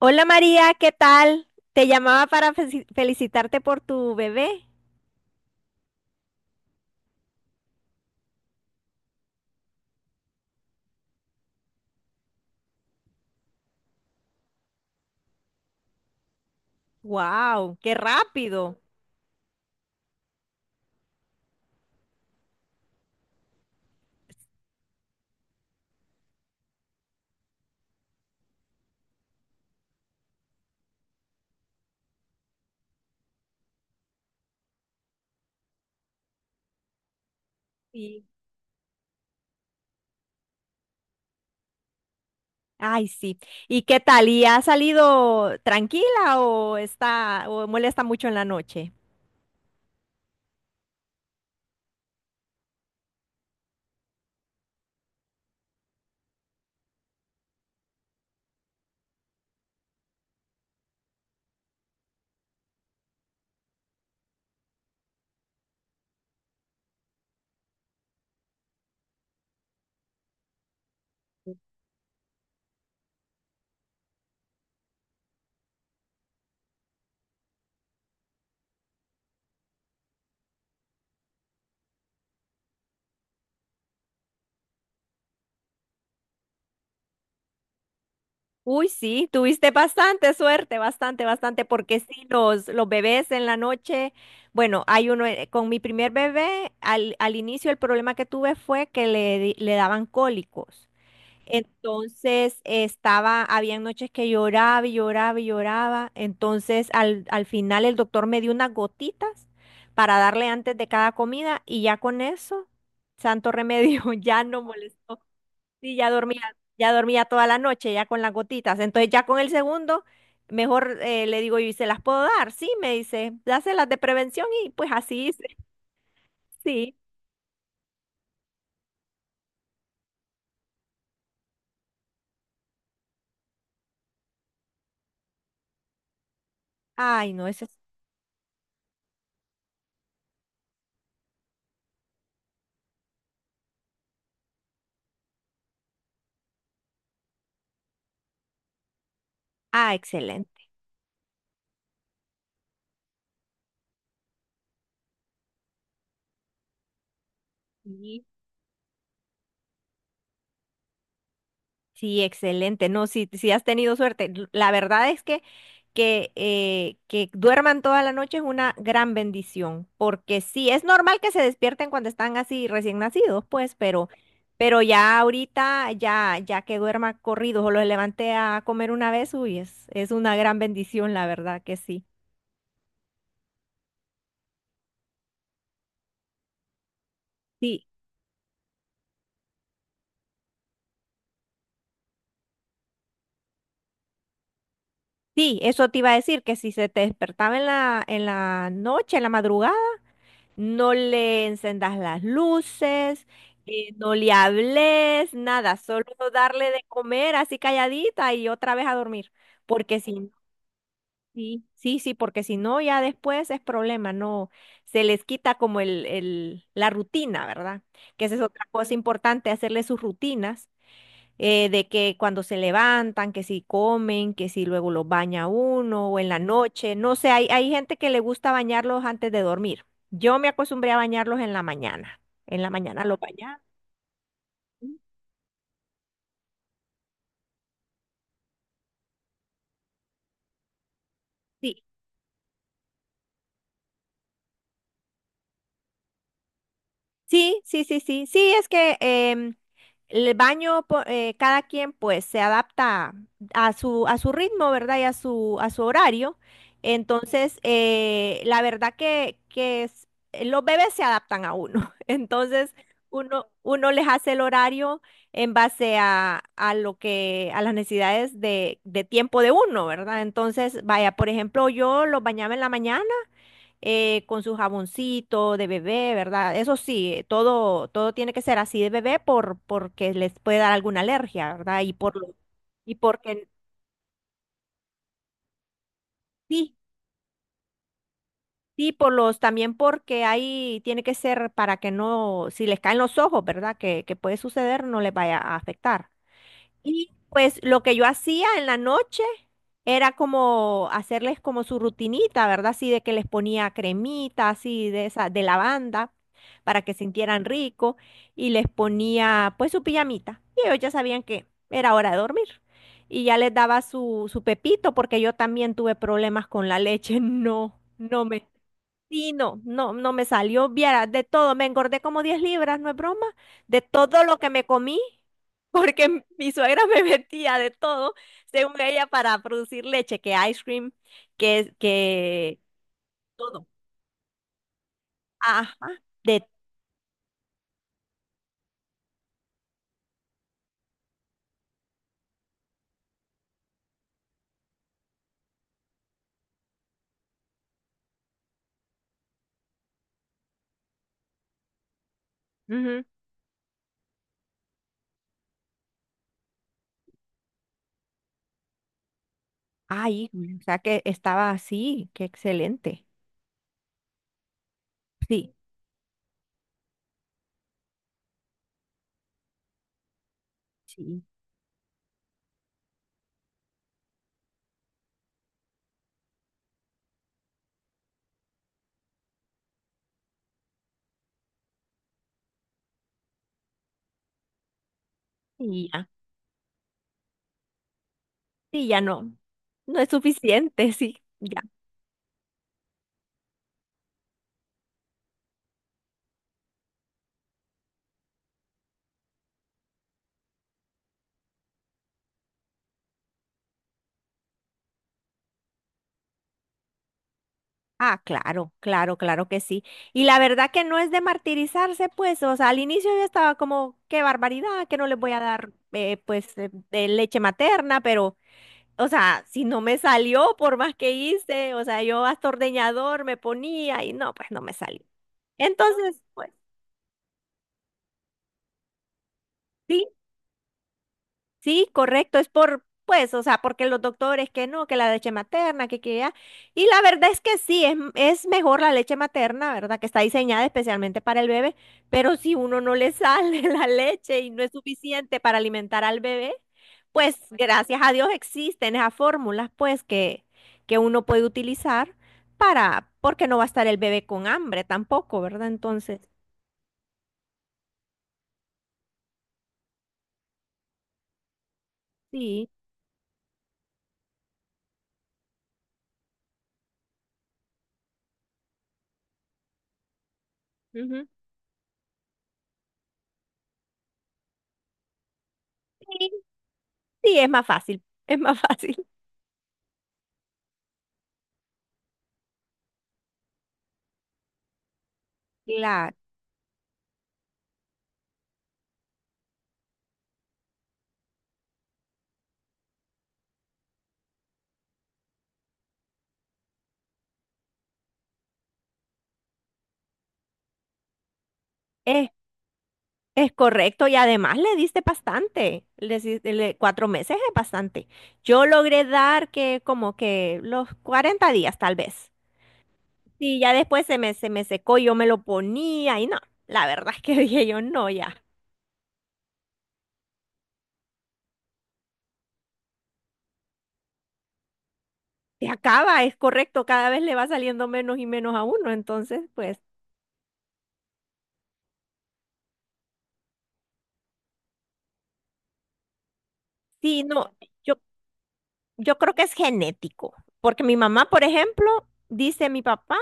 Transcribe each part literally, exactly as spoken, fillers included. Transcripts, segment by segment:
Hola María, ¿qué tal? Te llamaba para feci- felicitarte por tu bebé. ¡Wow! ¡Qué rápido! Sí. Ay, sí. ¿Y qué tal? ¿Y ha salido tranquila o está o molesta mucho en la noche? Uy, sí, tuviste bastante suerte, bastante, bastante, porque sí, los, los bebés en la noche, bueno, hay uno, eh, con mi primer bebé, al, al inicio el problema que tuve fue que le, di- le daban cólicos. Entonces estaba, había noches que lloraba y lloraba y lloraba. Entonces al, al final el doctor me dio unas gotitas para darle antes de cada comida y ya con eso, santo remedio, ya no molestó. Sí, ya dormía, ya dormía toda la noche, ya con las gotitas. Entonces ya con el segundo, mejor eh, le digo yo, ¿y se las puedo dar? Sí, me dice, dáselas de prevención y pues así hice. Sí. Ay, no, eso es. Ah, excelente. Sí. Sí, excelente. No, sí, sí has tenido suerte. L- La verdad es que que, eh, que duerman toda la noche es una gran bendición, porque sí, es normal que se despierten cuando están así recién nacidos, pues, pero, pero ya ahorita, ya, ya que duerma corridos o los levante a comer una vez, uy, es, es una gran bendición, la verdad que sí. Sí, sí, eso te iba a decir, que si se te despertaba en la, en la noche, en la madrugada, no le encendas las luces, eh, no le hables, nada, solo darle de comer así calladita y otra vez a dormir. Porque si no, sí, sí, sí, porque si no, ya después es problema, no, se les quita como el, el, la rutina, ¿verdad? Que esa es otra cosa importante, hacerle sus rutinas eh, de que cuando se levantan, que si comen, que si luego los baña uno o en la noche, no sé, hay, hay gente que le gusta bañarlos antes de dormir. Yo me acostumbré a bañarlos en la mañana. En la mañana los bañaba. Sí, sí, sí, sí, sí, sí, es que em, el baño, po- eh, cada quien pues se adapta a su, a su ritmo, ¿verdad? Y a su, a su horario. Entonces, eh, la verdad que, que es- eh, los bebés se adaptan a uno. Entonces, uno, uno les hace el horario en base a, a lo que, a las necesidades de, de tiempo de uno, ¿verdad? Entonces, vaya, por ejemplo, yo los bañaba en la mañana eh, con su jaboncito de bebé, ¿verdad? Eso sí, todo, todo tiene que ser así de bebé por, porque les puede dar alguna alergia, ¿verdad? Y por lo- y porque, sí, sí, por los, también porque ahí tiene que ser para que no, si les caen los ojos, ¿verdad? Que, que puede suceder, no les vaya a afectar. Y pues lo que yo hacía en la noche era como hacerles como su rutinita, ¿verdad? Así de que les ponía cremita, así de esa, de lavanda, para que sintieran rico, y les ponía pues su pijamita. Y ellos ya sabían que era hora de dormir. Y ya les daba su, su pepito, porque yo también tuve problemas con la leche. No, no me. Sí, no, no, no me salió, vieras, de todo, me engordé como diez libras, no es broma, de todo lo que me comí, porque m- mi suegra me metía de todo, según ella, para producir leche, que ice cream, que, que todo, ajá, de, ujú. Ay, güey, o sea que estaba así, qué excelente, sí, sí, sí, ya, sí, ya no, no es suficiente, sí, ya. Ah, claro, claro, claro que sí. Y la verdad que no es de martirizarse, pues, o sea, al inicio yo estaba como, qué barbaridad, que no les voy a dar, eh, pues, eh, de leche materna, pero, o sea, si no me salió, por más que hice, o sea, yo hasta ordeñador me ponía y no, pues no me salió. Entonces, pues, sí. Sí, correcto, es por, pues, o sea, porque los doctores que no, que la leche materna, que que ya. Y la verdad es que sí, es, m- es mejor la leche materna, ¿verdad? Que está diseñada especialmente para el bebé, pero si uno no le sale la leche y no es suficiente para alimentar al bebé, pues gracias a Dios existen esas fórmulas, pues, que, que uno puede utilizar para, porque no va a estar el bebé con hambre tampoco, ¿verdad? Entonces, sí, ujú, sí, sí, es más fácil, es más fácil. Claro. Es correcto, y además le diste bastante, le, si- le- cuatro meses es bastante. Yo logré dar que como que los cuarenta días tal vez. Y ya después se me, se me secó, yo me lo ponía y no, la verdad es que dije yo no, ya, se acaba, es correcto, cada vez le va saliendo menos y menos a uno, entonces pues sí, no, yo, yo creo que es genético, porque mi mamá, por ejemplo, dice mi papá,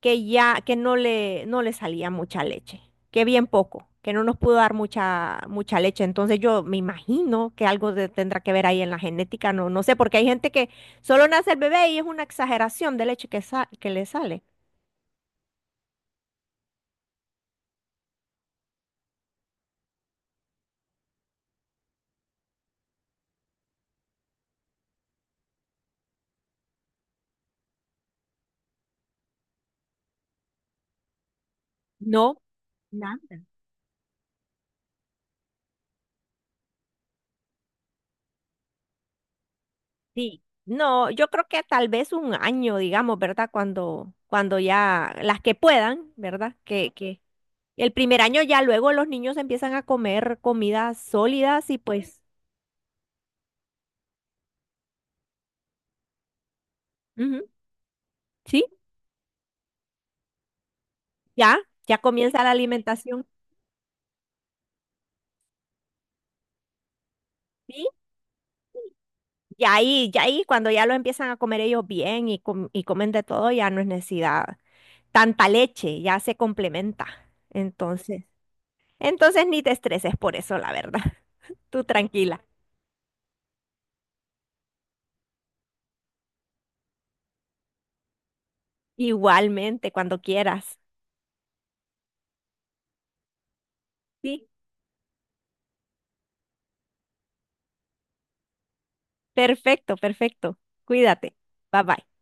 que ya, que no le, no le salía mucha leche, que bien poco, que no nos pudo dar mucha, mucha leche. Entonces yo me imagino que algo de- tendrá que ver ahí en la genética, no, no sé, porque hay gente que solo nace el bebé y es una exageración de leche que, sa- que le sale. No, nada. Sí, no, yo creo que tal vez un año, digamos, ¿verdad? Cuando, cuando ya las que puedan, ¿verdad? Que, que el primer año ya luego los niños empiezan a comer comidas sólidas y pues, ujú, sí. Ya, ya comienza la alimentación. Sí, y ahí, y ahí cuando ya lo empiezan a comer ellos bien y, com- y comen de todo, ya no es necesidad. Tanta leche ya se complementa. Entonces, entonces ni te estreses por eso, la verdad. Tú tranquila. Igualmente, cuando quieras. Sí, perfecto, perfecto. Cuídate. Bye bye.